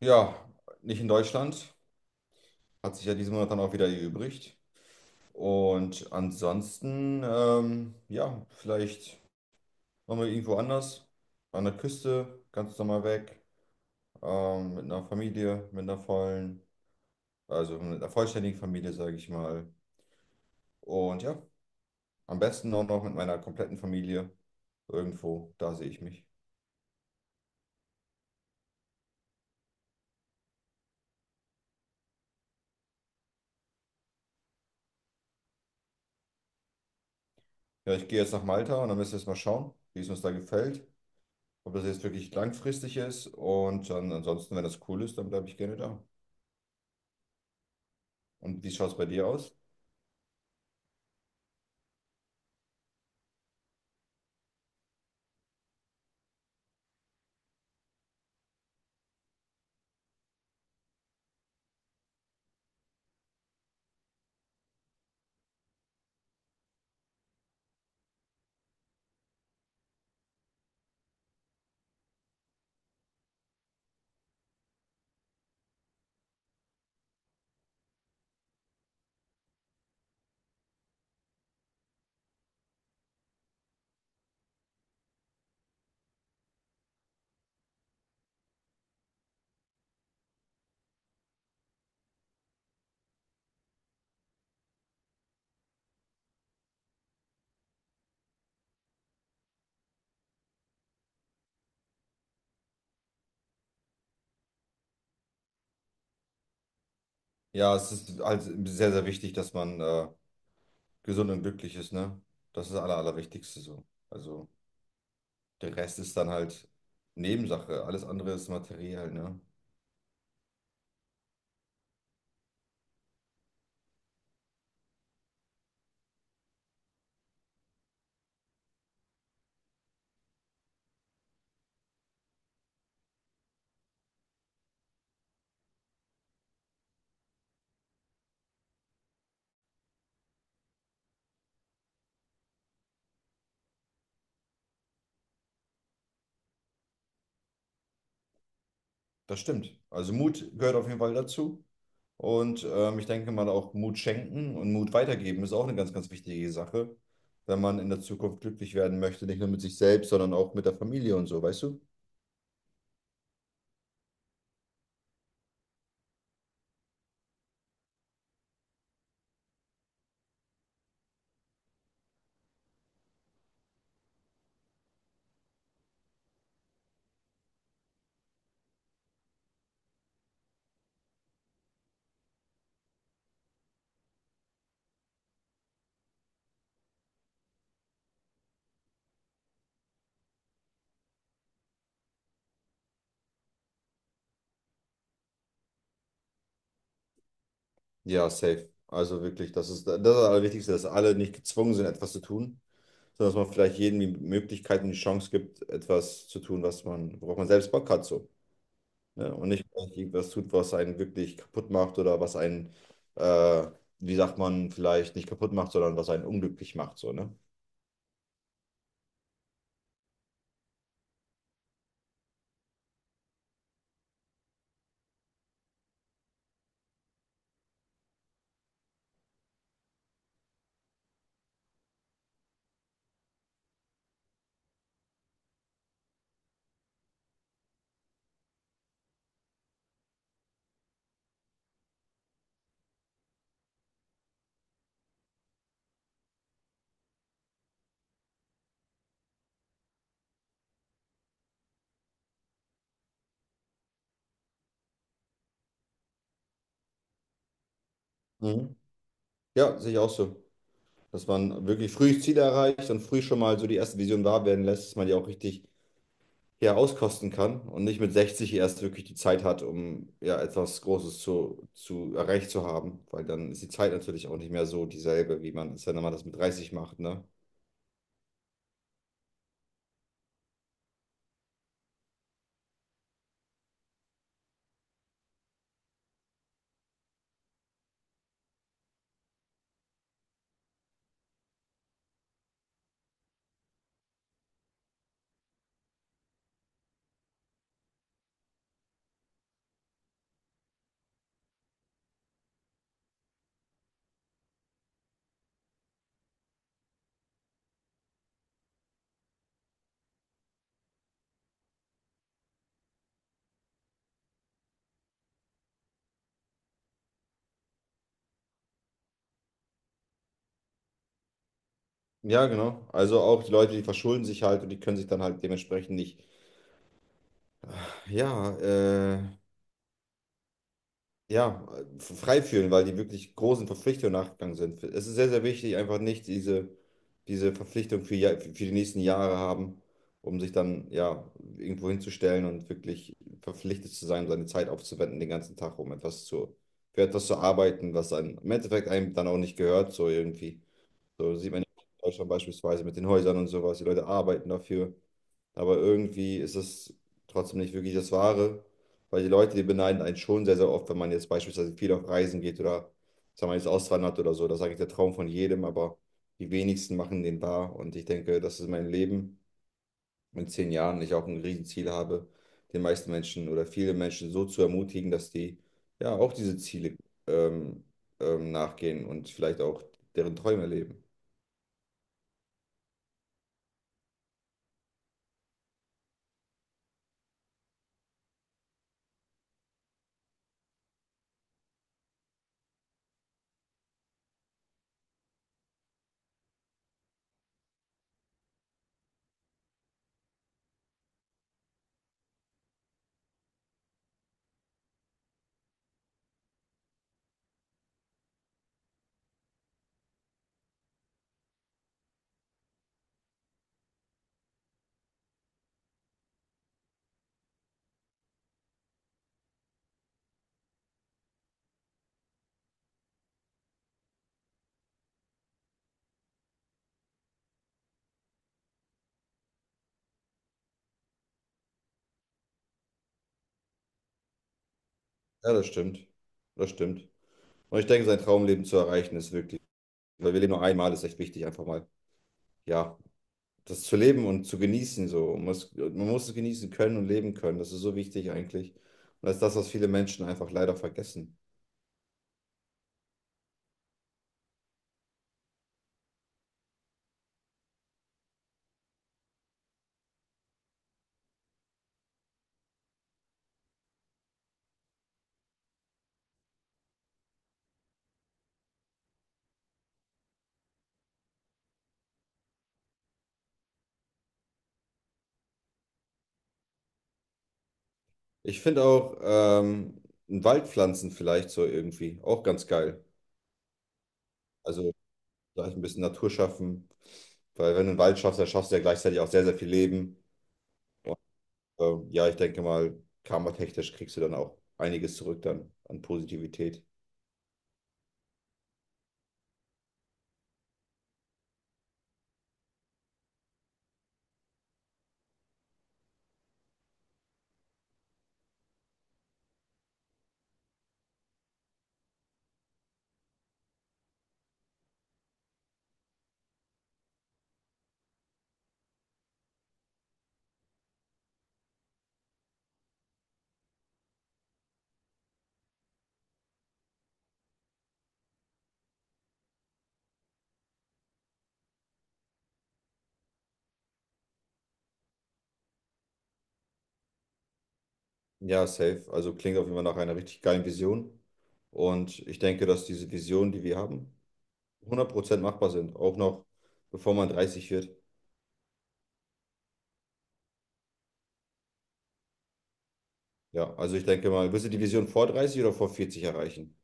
Ja, nicht in Deutschland. Hat sich ja diesen Monat dann auch wieder erübrigt. Und ansonsten, ja, vielleicht nochmal irgendwo anders. An der Küste, ganz normal weg. Mit einer Familie, mit einer vollen, also mit einer vollständigen Familie, sage ich mal. Und ja, am besten auch noch mit meiner kompletten Familie. Irgendwo, da sehe ich mich. Ja, ich gehe jetzt nach Malta und dann müssen wir jetzt mal schauen, wie es uns da gefällt. Ob das jetzt wirklich langfristig ist. Und dann ansonsten, wenn das cool ist, dann bleibe ich gerne da. Und wie schaut es bei dir aus? Ja, es ist halt sehr, sehr wichtig, dass man gesund und glücklich ist, ne? Das ist das Aller, Allerwichtigste so. Also der Rest ist dann halt Nebensache. Alles andere ist materiell, ne? Das stimmt. Also Mut gehört auf jeden Fall dazu. Und ich denke mal auch Mut schenken und Mut weitergeben ist auch eine ganz, ganz wichtige Sache, wenn man in der Zukunft glücklich werden möchte. Nicht nur mit sich selbst, sondern auch mit der Familie und so, weißt du? Ja, safe. Also wirklich, das ist das Allerwichtigste, dass alle nicht gezwungen sind, etwas zu tun, sondern dass man vielleicht jedem die Möglichkeit und die Chance gibt, etwas zu tun, was man, worauf man selbst Bock hat, so. Ne? Und nicht vielleicht irgendwas tut, was einen wirklich kaputt macht oder was einen, äh, wie sagt man, vielleicht nicht kaputt macht, sondern was einen unglücklich macht, so, ne? Mhm. Ja, sehe ich auch so. Dass man wirklich früh Ziele erreicht und früh schon mal so die erste Vision wahr werden lässt, dass man die auch richtig ja, auskosten kann und nicht mit 60 erst wirklich die Zeit hat, um ja etwas Großes zu erreicht zu haben, weil dann ist die Zeit natürlich auch nicht mehr so dieselbe, wie man es, wenn man das mit 30 macht, ne? Ja, genau. Also auch die Leute, die verschulden sich halt und die können sich dann halt dementsprechend nicht, ja, ja, frei fühlen, weil die wirklich großen Verpflichtungen nachgegangen sind. Es ist sehr, sehr wichtig, einfach nicht diese Verpflichtung für, ja- für die nächsten Jahre haben, um sich dann ja irgendwo hinzustellen und wirklich verpflichtet zu sein, seine Zeit aufzuwenden, den ganzen Tag, um etwas für etwas zu arbeiten, was dann im Endeffekt einem dann auch nicht gehört, so irgendwie. So sieht man in Deutschland beispielsweise mit den Häusern und sowas. Die Leute arbeiten dafür, aber irgendwie ist es trotzdem nicht wirklich das Wahre, weil die Leute, die beneiden einen schon sehr, sehr oft, wenn man jetzt beispielsweise viel auf Reisen geht oder sagen wir jetzt auswandert oder so. Das ist eigentlich der Traum von jedem, aber die wenigsten machen den wahr. Und ich denke, das ist mein Leben in 10 Jahren. Ich auch ein Riesenziel habe, den meisten Menschen oder viele Menschen so zu ermutigen, dass die ja auch diese Ziele ähm, nachgehen und vielleicht auch deren Träume leben. Ja, das stimmt. Das stimmt. Und ich denke, sein Traumleben zu erreichen ist wirklich. Weil wir leben nur einmal, ist echt wichtig, einfach mal, ja, das zu leben und zu genießen, so. Man muss es genießen können und leben können. Das ist so wichtig eigentlich. Und das ist das, was viele Menschen einfach leider vergessen. Ich finde auch ein Waldpflanzen vielleicht so irgendwie auch ganz geil. Also vielleicht ein bisschen Natur schaffen, weil wenn du einen Wald schaffst, dann schaffst du ja gleichzeitig auch sehr, sehr viel Leben. Ja, ich denke mal, karmatechnisch kriegst du dann auch einiges zurück dann an Positivität. Ja, safe. Also klingt auf jeden Fall nach einer richtig geilen Vision. Und ich denke, dass diese Visionen, die wir haben, 100% machbar sind. Auch noch bevor man 30 wird. Ja, also ich denke mal, willst du die Vision vor 30 oder vor 40 erreichen?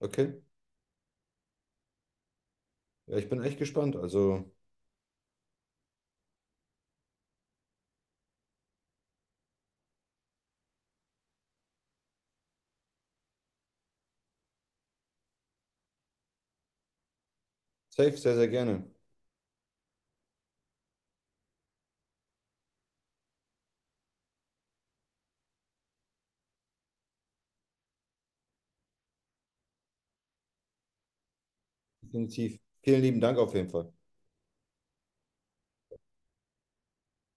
Okay. Ja, ich bin echt gespannt. Also safe, sehr, sehr gerne. Definitiv. Vielen lieben Dank auf jeden Fall.